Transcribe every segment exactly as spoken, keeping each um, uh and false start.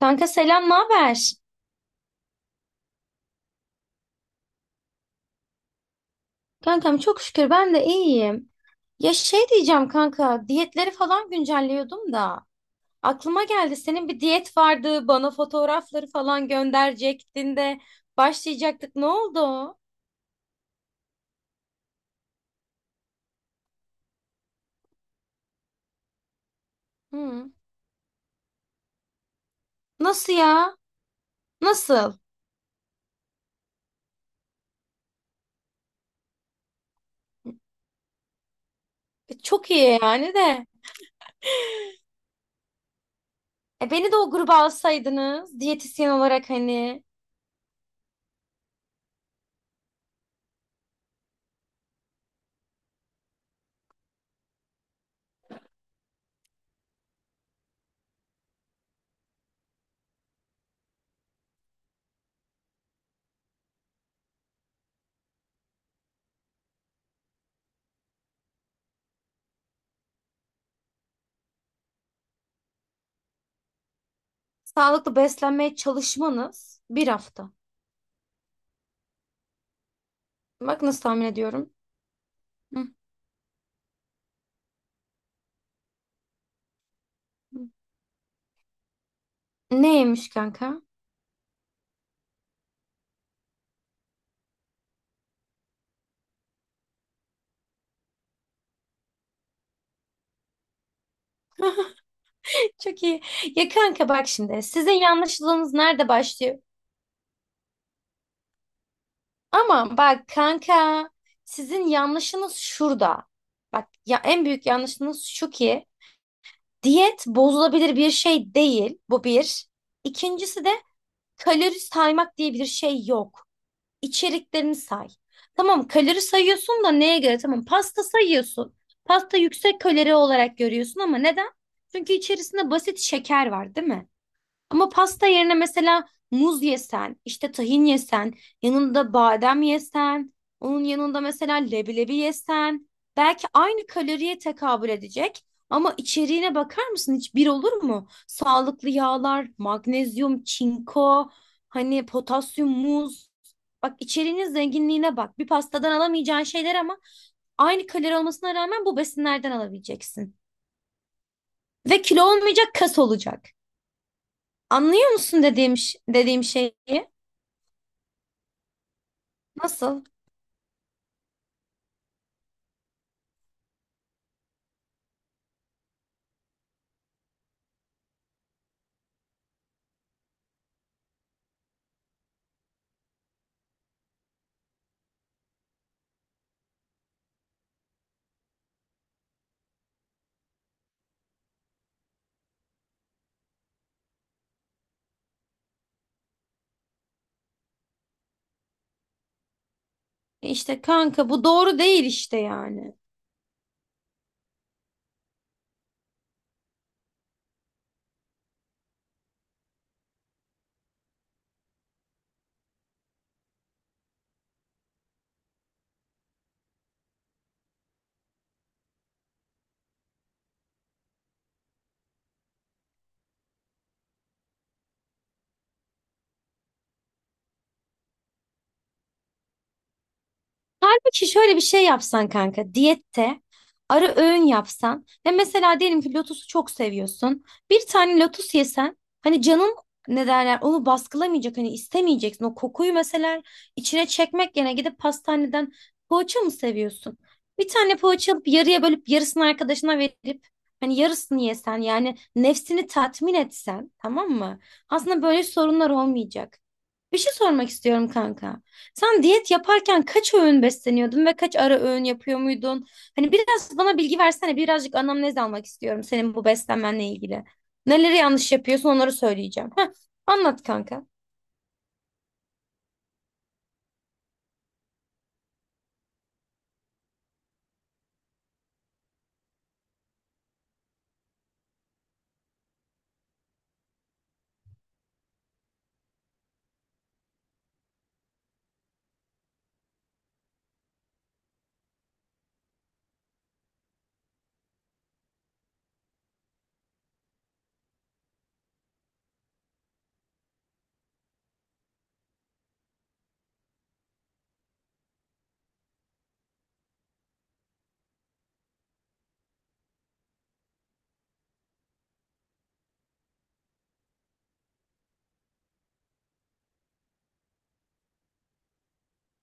Kanka selam, ne haber? Kankam çok şükür ben de iyiyim. Ya şey diyeceğim kanka, diyetleri falan güncelliyordum da aklıma geldi senin bir diyet vardı, bana fotoğrafları falan gönderecektin de başlayacaktık. Ne oldu? O? Hı. Nasıl ya? Nasıl? E, çok iyi yani de. E, beni de o gruba alsaydınız diyetisyen olarak hani sağlıklı beslenmeye çalışmanız bir hafta. Bak nasıl tahmin ediyorum. Hı. Neymiş kanka? Çok iyi. Ya kanka bak şimdi sizin yanlışlığınız nerede başlıyor? Ama bak kanka, sizin yanlışınız şurada. Bak ya en büyük yanlışınız şu ki diyet bozulabilir bir şey değil. Bu bir. İkincisi de kalori saymak diye bir şey yok. İçeriklerini say. Tamam, kalori sayıyorsun da neye göre? Tamam, pasta sayıyorsun. Pasta yüksek kalori olarak görüyorsun ama neden? Çünkü içerisinde basit şeker var, değil mi? Ama pasta yerine mesela muz yesen, işte tahin yesen, yanında badem yesen, onun yanında mesela leblebi yesen, belki aynı kaloriye tekabül edecek ama içeriğine bakar mısın, hiç bir olur mu? Sağlıklı yağlar, magnezyum, çinko, hani potasyum, muz. Bak içeriğinin zenginliğine bak. Bir pastadan alamayacağın şeyler ama aynı kalori olmasına rağmen bu besinlerden alabileceksin. Ve kilo olmayacak, kas olacak. Anlıyor musun dediğim ş- dediğim şeyi? Nasıl? E, İşte kanka bu doğru değil işte yani. Halbuki şöyle bir şey yapsan kanka diyette, ara öğün yapsan ve mesela diyelim ki lotusu çok seviyorsun. Bir tane lotus yesen hani canın, ne derler, onu baskılamayacak, hani istemeyeceksin. O kokuyu mesela içine çekmek yerine gidip pastaneden, poğaça mı seviyorsun? Bir tane poğaça alıp yarıya bölüp yarısını arkadaşına verip hani yarısını yesen yani nefsini tatmin etsen, tamam mı? Aslında böyle sorunlar olmayacak. Bir şey sormak istiyorum kanka. Sen diyet yaparken kaç öğün besleniyordun ve kaç ara öğün yapıyor muydun? Hani biraz bana bilgi versene, birazcık anamnez almak istiyorum senin bu beslenmenle ilgili. Neleri yanlış yapıyorsun onları söyleyeceğim. Heh, anlat kanka.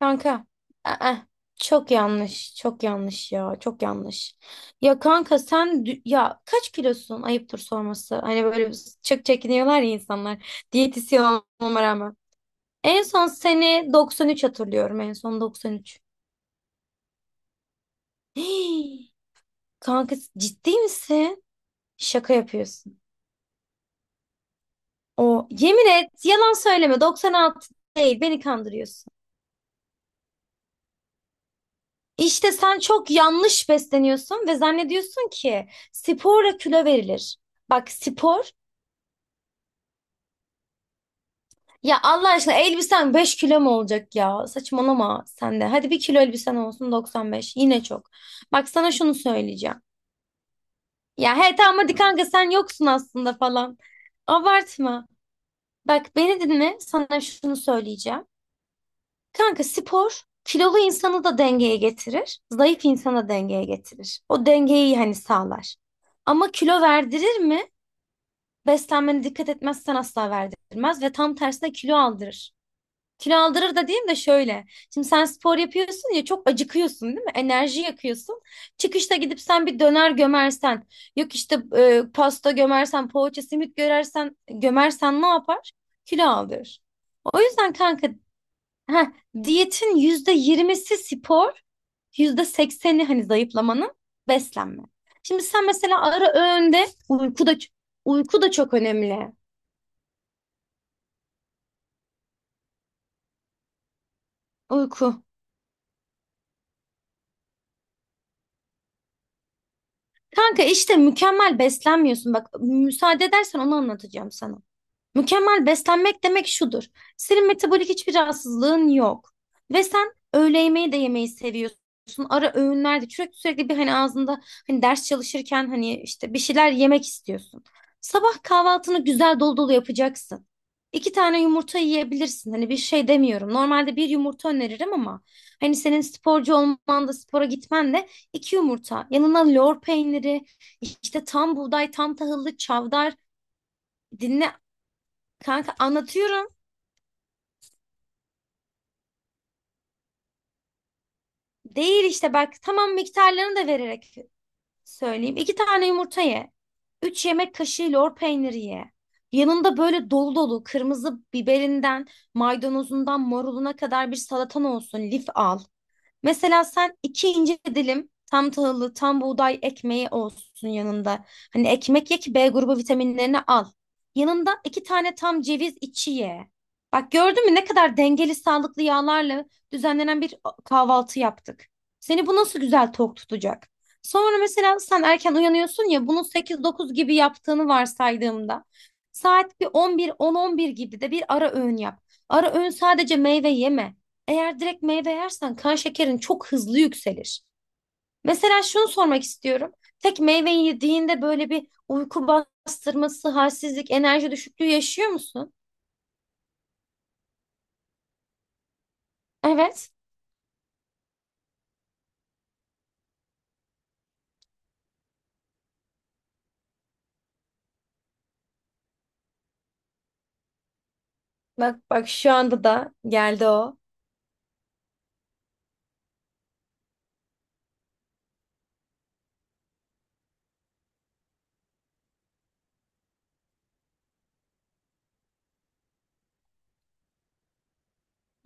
Kanka. Aa, çok yanlış, çok yanlış ya, çok yanlış. Ya kanka sen dü- ya kaç kilosun? Ayıptır sorması. Hani böyle çok çekiniyorlar ya insanlar. Diyetisyen olmama rağmen. En son seni doksan üç hatırlıyorum. En son doksan üç. Kanka ciddi misin? Şaka yapıyorsun. O yemin et, yalan söyleme. doksan altı değil, beni kandırıyorsun. İşte sen çok yanlış besleniyorsun ve zannediyorsun ki sporla kilo verilir. Bak spor, ya Allah aşkına elbisen beş kilo mu olacak ya? Saçmalama sen de. Hadi bir kilo elbisen olsun, doksan beş. Yine çok. Bak sana şunu söyleyeceğim. Ya he tamam, hadi kanka sen yoksun aslında falan. Abartma. Bak beni dinle, sana şunu söyleyeceğim. Kanka spor kilolu insanı da dengeye getirir, zayıf insanı da dengeye getirir. O dengeyi hani sağlar. Ama kilo verdirir mi? Beslenmene dikkat etmezsen asla verdirmez ve tam tersine kilo aldırır. Kilo aldırır da diyeyim de şöyle. Şimdi sen spor yapıyorsun ya, çok acıkıyorsun değil mi? Enerji yakıyorsun. Çıkışta gidip sen bir döner gömersen, yok işte e, pasta gömersen, poğaça, simit görersen, gömersen ne yapar? Kilo aldırır. O yüzden kanka, heh, diyetin yüzde yirmisi spor, yüzde sekseni hani zayıflamanın beslenme. Şimdi sen mesela ara öğünde uyku da, uyku da çok önemli. Uyku. Kanka işte mükemmel beslenmiyorsun. Bak müsaade edersen onu anlatacağım sana. Mükemmel beslenmek demek şudur. Senin metabolik hiçbir rahatsızlığın yok. Ve sen öğle yemeği de yemeyi seviyorsun. Ara öğünlerde sürekli sürekli bir hani ağzında, hani ders çalışırken hani işte bir şeyler yemek istiyorsun. Sabah kahvaltını güzel dolu dolu yapacaksın. İki tane yumurta yiyebilirsin. Hani bir şey demiyorum. Normalde bir yumurta öneririm ama hani senin sporcu olman da spora gitmen de, iki yumurta. Yanına lor peyniri, işte tam buğday, tam tahıllı çavdar, dinle. Kanka, anlatıyorum. Değil işte, bak tamam, miktarlarını da vererek söyleyeyim. İki tane yumurta ye. Üç yemek kaşığı lor peyniri ye. Yanında böyle dolu dolu kırmızı biberinden, maydanozundan, maruluna kadar bir salatan olsun. Lif al. Mesela sen iki ince dilim tam tahıllı, tam buğday ekmeği olsun yanında. Hani ekmek ye ki B grubu vitaminlerini al. Yanında iki tane tam ceviz içi ye. Bak gördün mü ne kadar dengeli, sağlıklı yağlarla düzenlenen bir kahvaltı yaptık. Seni bu nasıl güzel tok tutacak? Sonra mesela sen erken uyanıyorsun ya, bunu sekiz dokuz gibi yaptığını varsaydığımda saat bir on bir on on bir gibi de bir ara öğün yap. Ara öğün sadece meyve yeme. Eğer direkt meyve yersen kan şekerin çok hızlı yükselir. Mesela şunu sormak istiyorum. Tek meyve yediğinde böyle bir uyku bastırması, halsizlik, enerji düşüklüğü yaşıyor musun? Evet. Bak bak, şu anda da geldi o.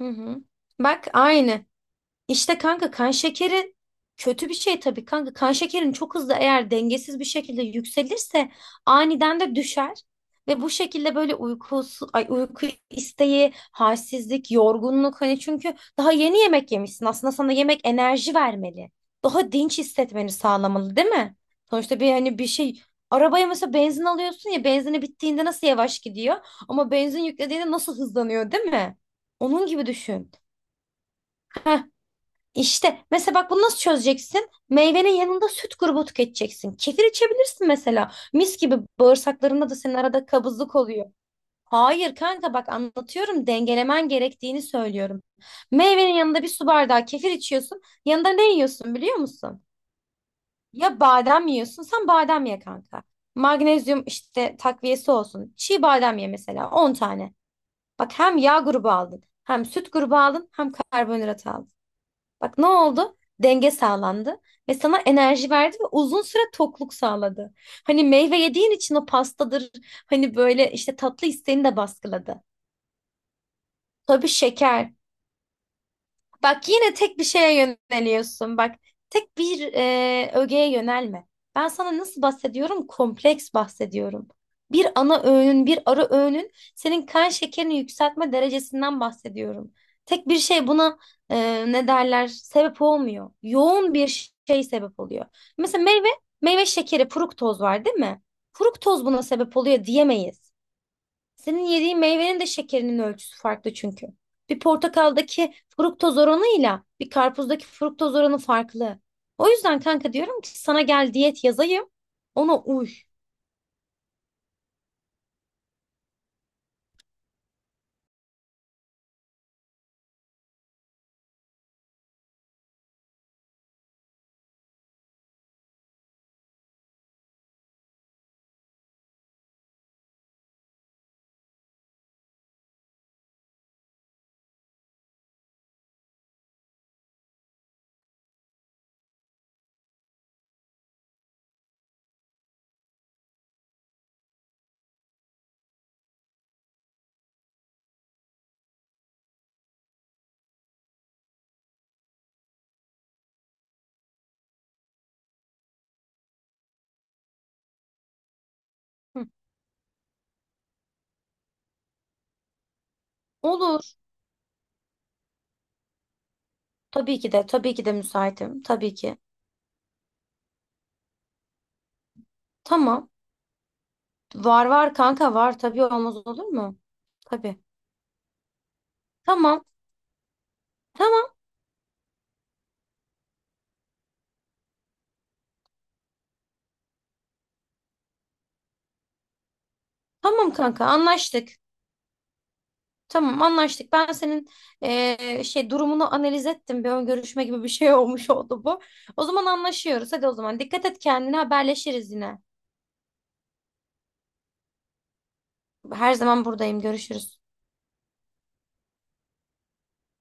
Hı hı. Bak aynı. İşte kanka kan şekeri kötü bir şey tabii kanka. Kan şekerin çok hızlı, eğer dengesiz bir şekilde yükselirse aniden de düşer. Ve bu şekilde böyle uykusu, ay uyku isteği, halsizlik, yorgunluk hani, çünkü daha yeni yemek yemişsin. Aslında sana yemek enerji vermeli. Daha dinç hissetmeni sağlamalı, değil mi? Sonuçta bir hani, bir şey, arabaya mesela benzin alıyorsun ya, benzini bittiğinde nasıl yavaş gidiyor ama benzin yüklediğinde nasıl hızlanıyor, değil mi? Onun gibi düşün. Heh, işte mesela bak bunu nasıl çözeceksin? Meyvenin yanında süt grubu tüketeceksin. Kefir içebilirsin mesela. Mis gibi bağırsaklarında da senin arada kabızlık oluyor. Hayır kanka, bak anlatıyorum, dengelemen gerektiğini söylüyorum. Meyvenin yanında bir su bardağı kefir içiyorsun. Yanında ne yiyorsun biliyor musun? Ya badem yiyorsun, sen badem ye kanka. Magnezyum işte takviyesi olsun. Çiğ badem ye mesela. on tane. Bak hem yağ grubu aldın, hem süt grubu aldın, hem karbonhidrat aldın. Bak ne oldu? Denge sağlandı ve sana enerji verdi ve uzun süre tokluk sağladı. Hani meyve yediğin için o pastadır, hani böyle işte tatlı isteğini de baskıladı. Tabii şeker. Bak yine tek bir şeye yöneliyorsun. Bak tek bir e, ögeye yönelme. Ben sana nasıl bahsediyorum? Kompleks bahsediyorum. Bir ana öğünün, bir ara öğünün senin kan şekerini yükseltme derecesinden bahsediyorum. Tek bir şey buna, e, ne derler? Sebep olmuyor. Yoğun bir şey sebep oluyor. Mesela meyve, meyve şekeri, fruktoz var değil mi? Fruktoz buna sebep oluyor diyemeyiz. Senin yediğin meyvenin de şekerinin ölçüsü farklı çünkü. Bir portakaldaki fruktoz oranıyla bir karpuzdaki fruktoz oranı farklı. O yüzden kanka diyorum ki sana, gel diyet yazayım. Ona uy. Hı. Olur. Tabii ki de, tabii ki de müsaitim. Tabii ki. Tamam. Var var kanka var. Tabii, olmaz olur mu? Tabii. Tamam. Tamam. Tamam kanka, anlaştık. Tamam, anlaştık. Ben senin eee, şey durumunu analiz ettim. Bir ön görüşme gibi bir şey olmuş oldu bu. O zaman anlaşıyoruz. Hadi o zaman dikkat et kendine, haberleşiriz yine. Her zaman buradayım. Görüşürüz.